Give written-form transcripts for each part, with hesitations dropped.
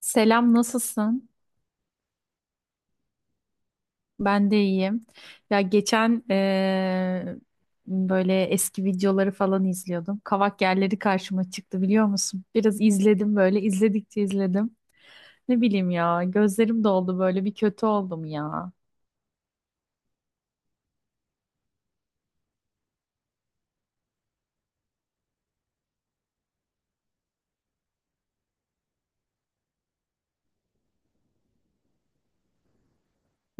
Selam, nasılsın? Ben de iyiyim. Ya geçen böyle eski videoları falan izliyordum. Kavak yerleri karşıma çıktı biliyor musun? Biraz izledim böyle, izledikçe izledim. Ne bileyim ya, gözlerim doldu böyle bir kötü oldum ya.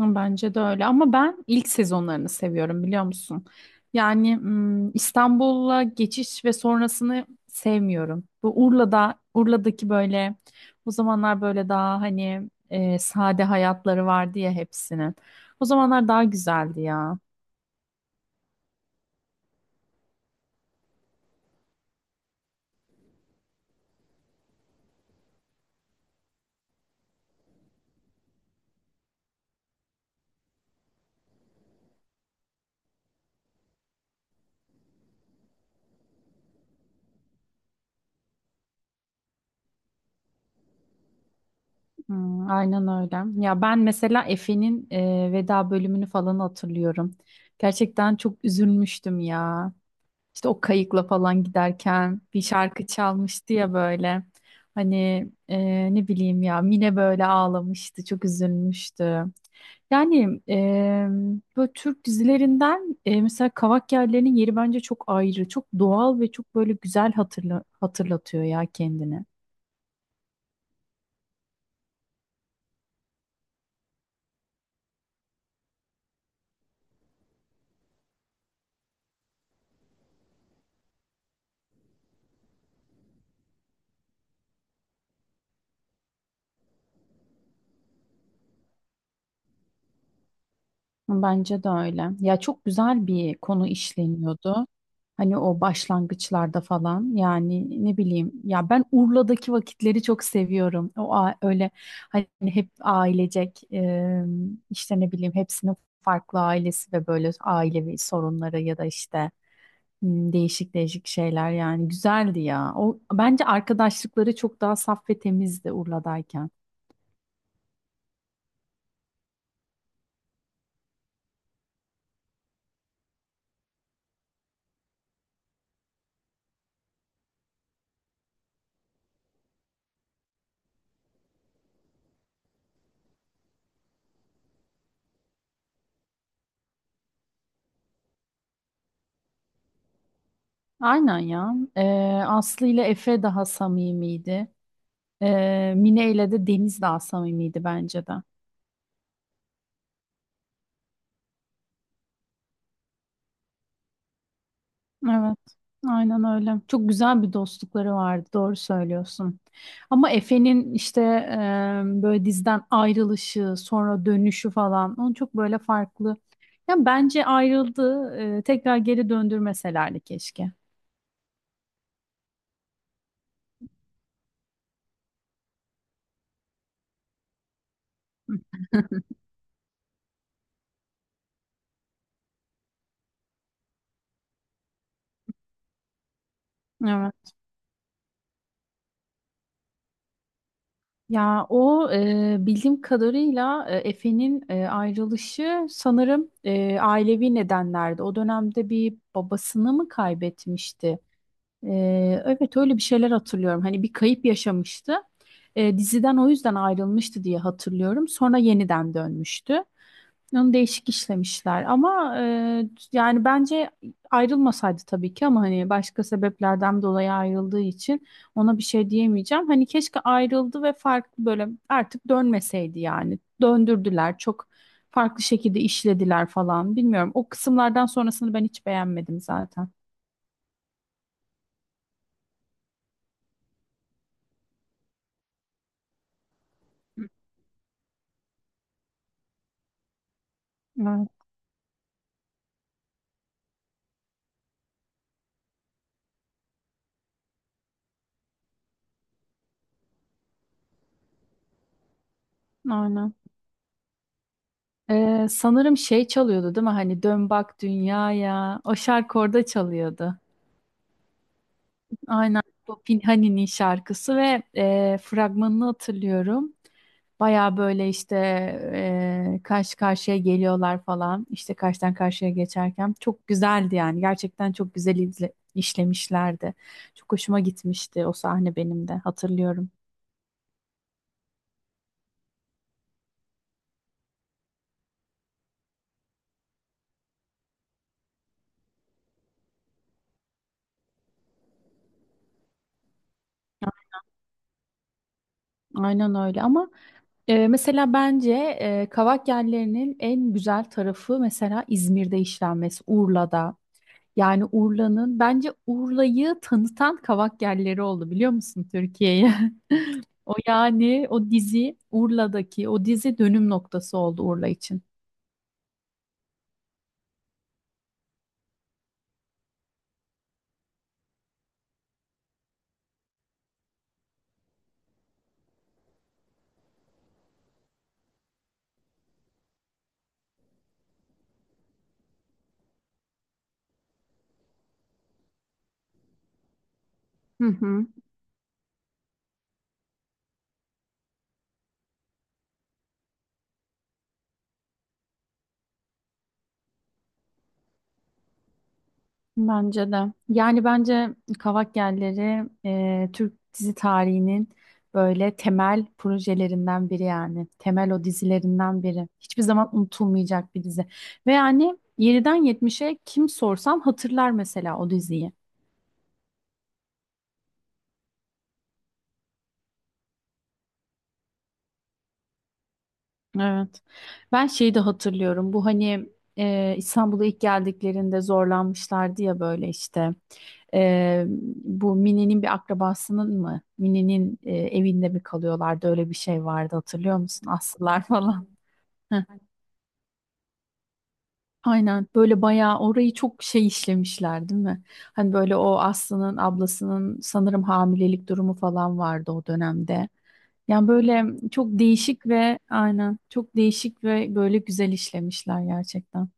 Hı, bence de öyle ama ben ilk sezonlarını seviyorum biliyor musun? Yani hmm, İstanbul'a geçiş ve sonrasını sevmiyorum. Bu Urla'daki böyle o zamanlar böyle daha hani sade hayatları vardı ya hepsinin. O zamanlar daha güzeldi ya. Hmm, aynen öyle. Ya ben mesela Efe'nin veda bölümünü falan hatırlıyorum. Gerçekten çok üzülmüştüm ya. İşte o kayıkla falan giderken bir şarkı çalmıştı ya böyle. Hani ne bileyim ya Mine böyle ağlamıştı, çok üzülmüştü. Yani e, Böyle Türk dizilerinden mesela Kavak Yellerinin yeri bence çok ayrı, çok doğal ve çok böyle güzel hatırlatıyor ya kendini. Bence de öyle. Ya çok güzel bir konu işleniyordu. Hani o başlangıçlarda falan yani ne bileyim ya ben Urla'daki vakitleri çok seviyorum. O öyle hani hep ailecek işte ne bileyim hepsinin farklı ailesi ve böyle ailevi sorunları ya da işte değişik değişik şeyler yani güzeldi ya. O bence arkadaşlıkları çok daha saf ve temizdi Urla'dayken. Aynen ya. Aslı ile Efe daha samimiydi. Mine ile de Deniz daha samimiydi bence de. Evet, aynen öyle. Çok güzel bir dostlukları vardı, doğru söylüyorsun. Ama Efe'nin işte böyle dizden ayrılışı, sonra dönüşü falan, onu çok böyle farklı. Yani bence ayrıldı, tekrar geri döndürmeselerdi keşke. Evet. Ya o bildiğim kadarıyla Efe'nin ayrılışı sanırım ailevi nedenlerde. O dönemde bir babasını mı kaybetmişti? E, evet öyle bir şeyler hatırlıyorum. Hani bir kayıp yaşamıştı. Diziden o yüzden ayrılmıştı diye hatırlıyorum. Sonra yeniden dönmüştü. Onu değişik işlemişler ama yani bence ayrılmasaydı tabii ki ama hani başka sebeplerden dolayı ayrıldığı için ona bir şey diyemeyeceğim. Hani keşke ayrıldı ve farklı böyle artık dönmeseydi yani. Döndürdüler çok farklı şekilde işlediler falan bilmiyorum. O kısımlardan sonrasını ben hiç beğenmedim zaten. Evet, aynen. Sanırım şey çalıyordu değil mi? Hani dön bak dünyaya. O şarkı orada çalıyordu. Aynen bu Pinhani'nin şarkısı ve fragmanını hatırlıyorum. Baya böyle işte karşı karşıya geliyorlar falan. İşte karşıdan karşıya geçerken çok güzeldi yani. Gerçekten çok güzel işlemişlerdi. Çok hoşuma gitmişti o sahne benim de hatırlıyorum. Aynen öyle ama mesela bence Kavak Yelleri'nin en güzel tarafı mesela İzmir'de işlenmesi, Urla'da. Yani Urla'nın bence Urla'yı tanıtan kavak yerleri oldu biliyor musun Türkiye'ye? O yani o dizi Urla'daki o dizi dönüm noktası oldu Urla için. Hı hı. Bence de. Yani bence kavak yerleri Türk dizi tarihinin böyle temel projelerinden biri yani. Temel o dizilerinden biri. Hiçbir zaman unutulmayacak bir dizi. Ve yani 7'den 70'e kim sorsam hatırlar mesela o diziyi. Evet. Ben şeyi de hatırlıyorum. Bu hani İstanbul'a ilk geldiklerinde zorlanmışlardı ya böyle işte. E, Bu Mine'nin bir akrabasının mı? Mine'nin evinde mi kalıyorlardı? Öyle bir şey vardı hatırlıyor musun? Aslılar falan. Aynen böyle bayağı orayı çok şey işlemişler değil mi? Hani böyle o Aslı'nın ablasının sanırım hamilelik durumu falan vardı o dönemde. Yani böyle çok değişik ve aynen çok değişik ve böyle güzel işlemişler gerçekten.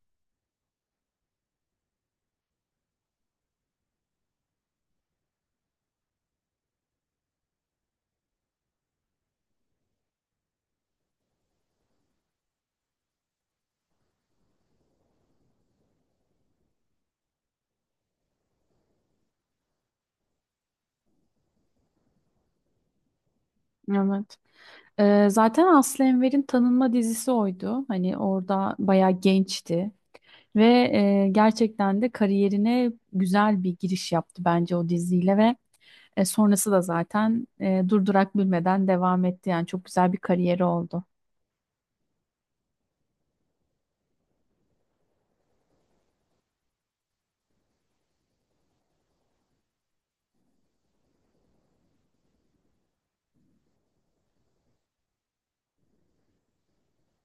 Evet. Zaten Aslı Enver'in tanınma dizisi oydu. Hani orada bayağı gençti. Ve gerçekten de kariyerine güzel bir giriş yaptı bence o diziyle ve sonrası da zaten durdurak bilmeden devam etti. Yani çok güzel bir kariyeri oldu.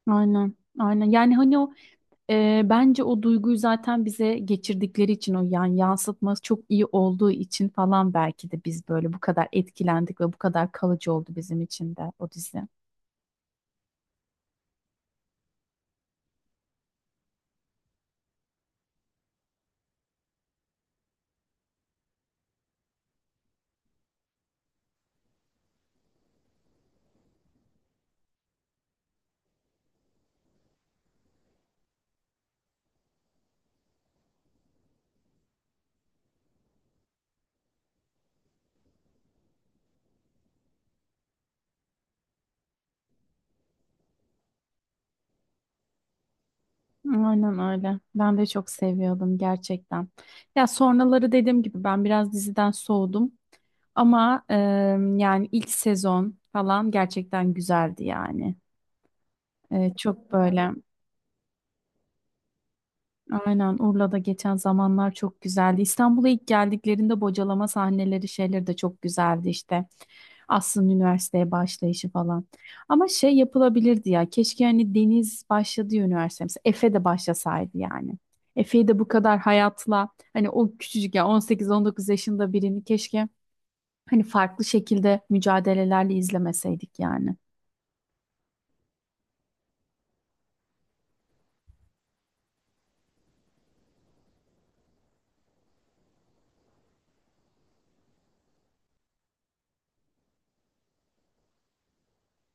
Aynen, aynen. Yani hani o bence o duyguyu zaten bize geçirdikleri için o yani yansıtması çok iyi olduğu için falan belki de biz böyle bu kadar etkilendik ve bu kadar kalıcı oldu bizim için de o dizi. Aynen öyle. Ben de çok seviyordum gerçekten. Ya sonraları dediğim gibi ben biraz diziden soğudum. Ama yani ilk sezon falan gerçekten güzeldi yani. Çok böyle. Aynen Urla'da geçen zamanlar çok güzeldi. İstanbul'a ilk geldiklerinde bocalama sahneleri şeyleri de çok güzeldi işte. Aslı'nın üniversiteye başlayışı falan. Ama şey yapılabilirdi ya. Keşke hani Deniz başladığı üniversite mesela Efe de başlasaydı yani. Efe'yi de bu kadar hayatla hani o küçücük ya on sekiz on dokuz yaşında birini keşke hani farklı şekilde mücadelelerle izlemeseydik yani.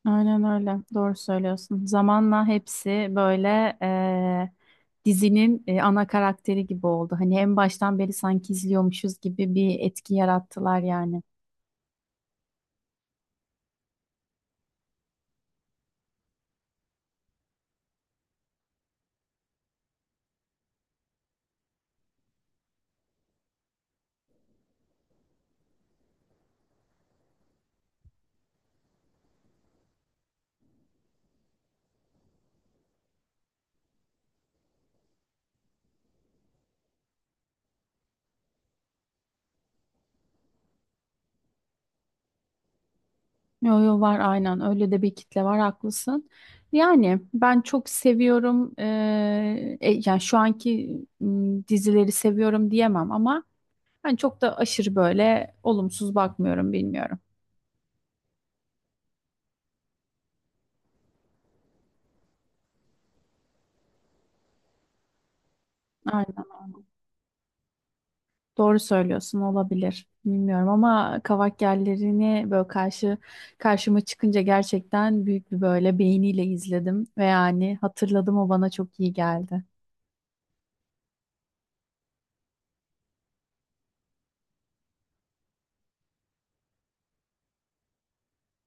Aynen öyle. Doğru söylüyorsun. Zamanla hepsi böyle dizinin ana karakteri gibi oldu. Hani en baştan beri sanki izliyormuşuz gibi bir etki yarattılar yani. Yo yo var aynen. Öyle de bir kitle var haklısın. Yani ben çok seviyorum. Yani şu anki dizileri seviyorum diyemem ama ben çok da aşırı böyle olumsuz bakmıyorum bilmiyorum. Aynen. Doğru söylüyorsun, olabilir. Bilmiyorum ama kavak yerlerini böyle karşıma çıkınca gerçekten büyük bir böyle beğeniyle izledim ve yani hatırladım o bana çok iyi geldi.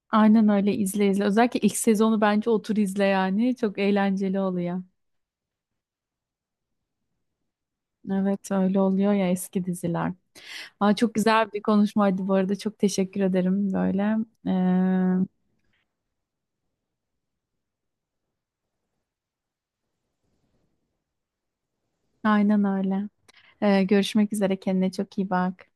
Aynen öyle izle izle. Özellikle ilk sezonu bence otur izle yani. Çok eğlenceli oluyor. Evet öyle oluyor ya eski diziler. Aa, çok güzel bir konuşmaydı bu arada. Çok teşekkür ederim böyle. Ee, aynen öyle. Görüşmek üzere. Kendine çok iyi bak.